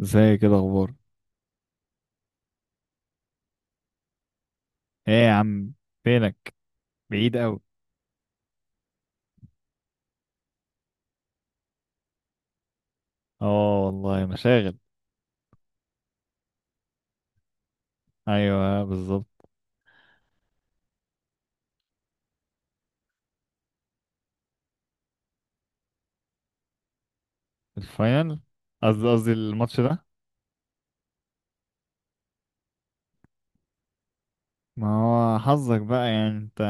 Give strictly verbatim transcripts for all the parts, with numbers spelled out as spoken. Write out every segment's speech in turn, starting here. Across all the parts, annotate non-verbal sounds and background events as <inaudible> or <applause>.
ازاي كده اخبار؟ ايه يا عم، فينك؟ بعيد قوي. اه والله مشاغل. ايوه بالظبط. الفاينل. قصدي قصدي الماتش ده. ما هو حظك بقى يعني انت،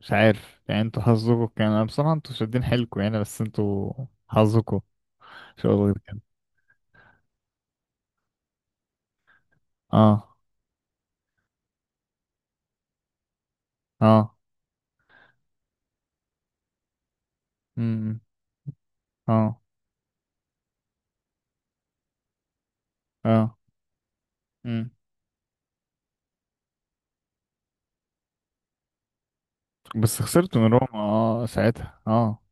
مش عارف يعني انتوا حظكوا كان، أنا بصراحة انتوا شادين حيلكوا يعني، بس انتوا حظكوا شغل غير كده. اه. اه. امم اه. اه. امم بس خسرت من روما. اه ساعتها. اه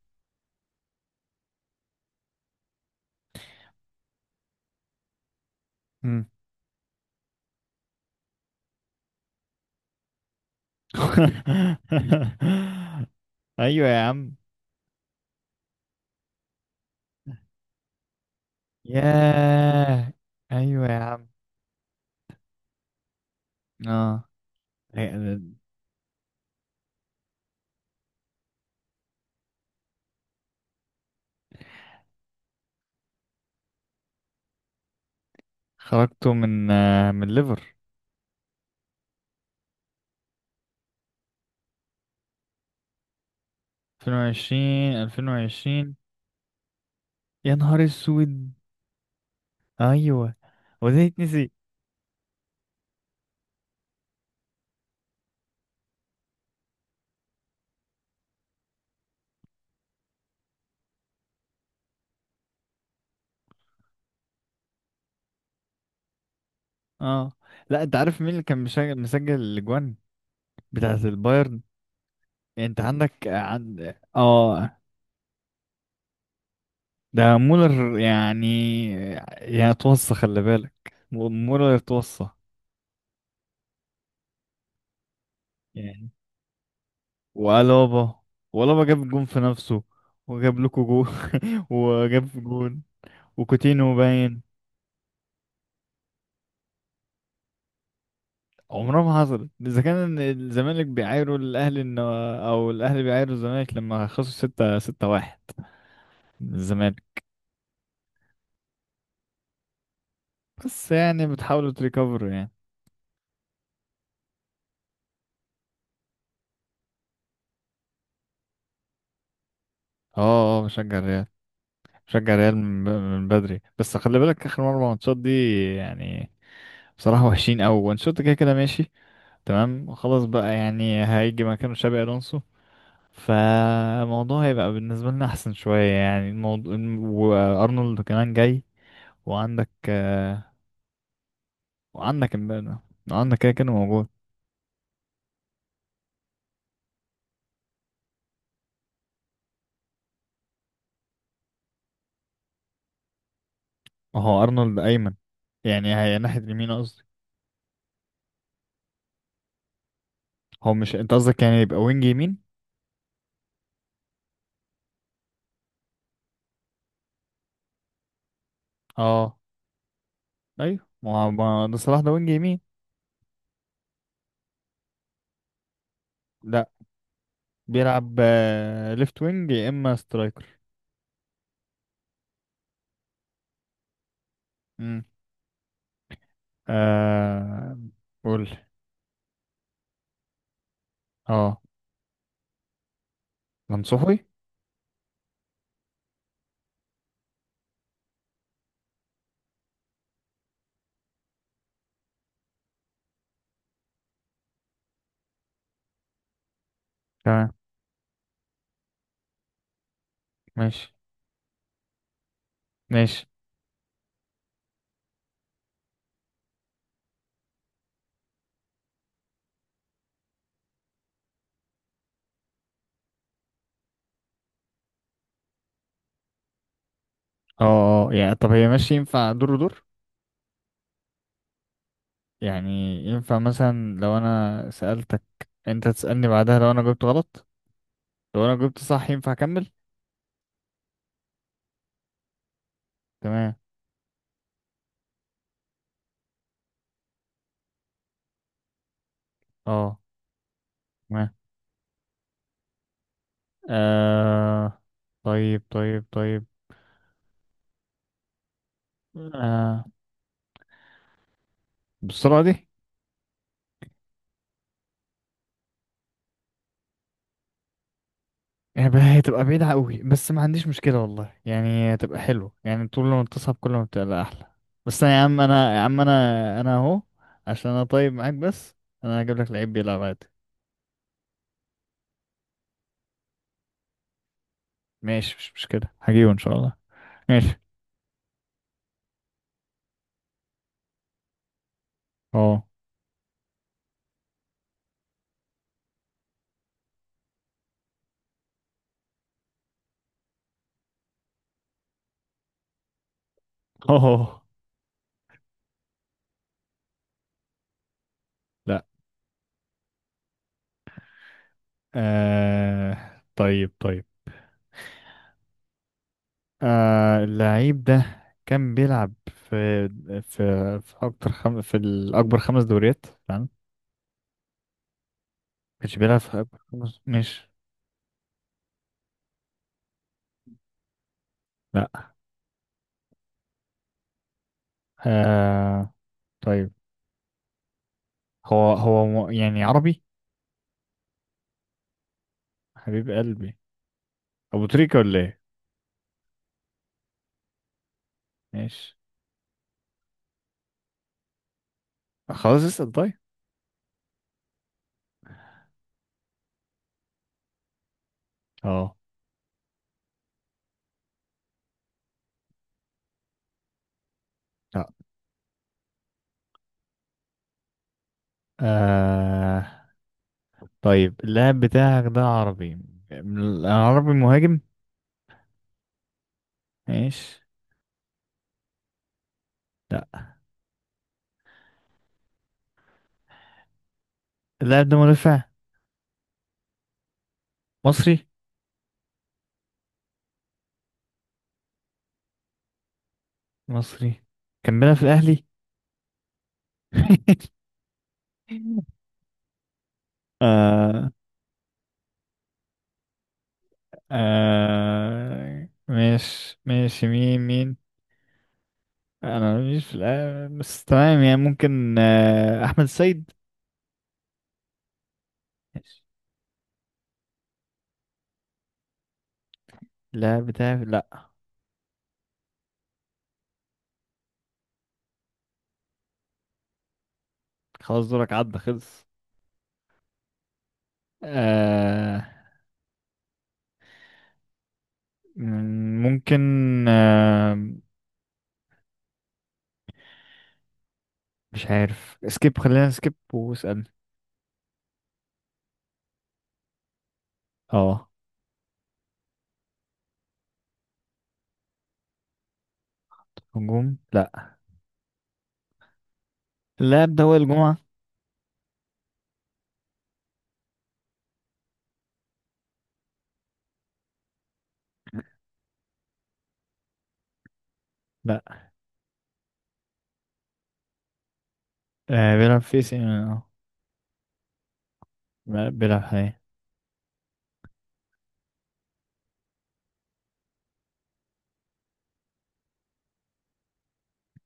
امم <laughs> ايوه يا عم. ياه، ايوه يا عم. اه خرجته من آه، من ليفر. ألفين وعشرين. ألفين وعشرين. يا نهار اسود. ايوه. وده يتنسي؟ اه. لا انت عارف مين اللي كان مشا- مسجل الاجوان بتاعت البايرن؟ يعني انت عندك آه، عند اه ده مولر يعني، يعني اتوصى خلي بالك. م- مولر اتوصى. يعني وألابا، وألابا جاب جون في نفسه، وجاب لكم جون. <laughs> وجاب جون. وكوتينو باين. عمرها ما حصلت، اذا كان الزمالك بيعايروا الاهلي انه، او الاهلي بيعايروا الزمالك لما خسروا ستة ستة واحد من الزمالك. بس يعني بتحاولوا تريكفروا يعني. اه. اه بشجع الريال. بشجع الريال من ب- من بدري، بس خلي بالك اخر مرة ماتشات دي يعني بصراحة وحشين قوي، وانشوت كده كده ماشي. تمام خلاص بقى، يعني هيجي مكانه شابي الونسو، فالموضوع هيبقى بالنسبة لنا احسن شوية يعني الموضوع. وارنولد كمان جاي. وعندك، وعنك امبارح، عنك كده كده موجود. اهو ارنولد ايمن، يعني هي ناحية اليمين قصدي. هو مش انت قصدك يعني يبقى وينج يمين؟ اه. ايوه، ما هو ما ده صلاح ده وينج يمين. لا، بيلعب ليفت وينج يا اما سترايكر. امم آه، قول. اه منصوحي. تمام. ماشي. ماشي. اه. اه يعني، طب هي ماشي، ينفع دور ودور؟ يعني ينفع مثلا لو انا سألتك، انت تسألني بعدها؟ لو انا جبت غلط، لو انا جبت صح ينفع اكمل؟ تمام. اه. تمام. آه طيب طيب طيب. آه بالسرعة دي؟ يبقى هتبقى بعيدة قوي، بس ما عنديش مشكلة والله، يعني هتبقى حلوة، يعني طول ما بتصعب كل ما بتبقى أحلى. بس أنا يا عم أنا يا عم أنا أنا أهو، عشان أنا طيب معاك بس. أنا هجيب لك لعيب بيلعب عادي. ماشي، مش مشكلة، هجيبه إن شاء الله. ماشي. أه. أه. <laughs> لا. آه طيب طيب. آه، اللعيب ده كان بيلعب في، في في اكتر خم... في الاكبر خمس دوريات تمام؟ ما كانش بيلعب في اكبر خمس مش؟ لا. آه طيب. هو هو م... يعني عربي؟ حبيب قلبي، ابو تريكة ولا ايه؟ ماشي، خلاص اسال طيب. اه. لا. آه طيب، اللاعب بتاعك ده عربي، م- عربي مهاجم؟ ماشي. لا. اللاعب ده مدافع. مصري. مصري. كان بيلعب في الاهلي. <laughs> آه. آه ماشي ماشي. مين مين؟ انا مش في الآ- بس تمام، يعني ممكن آه احمد السيد. ماشي. لا، بتاع لا. خلاص، دورك عدى خلص. آه م- ممكن، آه مش عارف سكيب، خلينا سكيب واسأل. اه. هجوم لا. اللاعب ده وائل الجمعة. لا. آه بيلعب في سي اه. لا، بيلعب حاليا.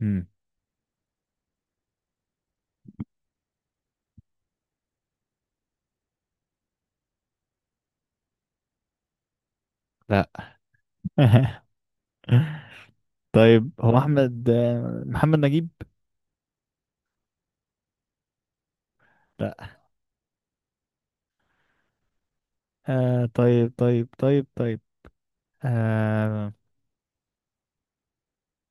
مم، لا. <laughs> طيب هو احمد آه، محمد نجيب. لا. آه طيب طيب طيب طيب. آه،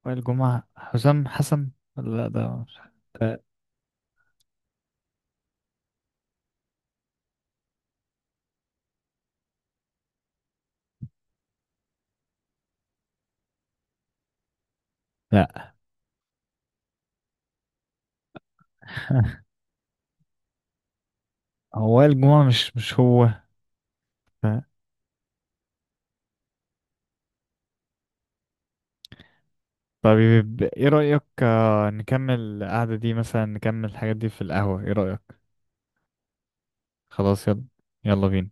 وائل جمعة، حسام حسن، ولا لا ده مش. آه، لا. <laughs> هو وائل جمعة، مش مش هو. ف- طيب ايه رأيك آه نكمل القعدة دي، مثلا نكمل الحاجات دي في القهوة، ايه رأيك؟ خلاص يلا. يلا بينا.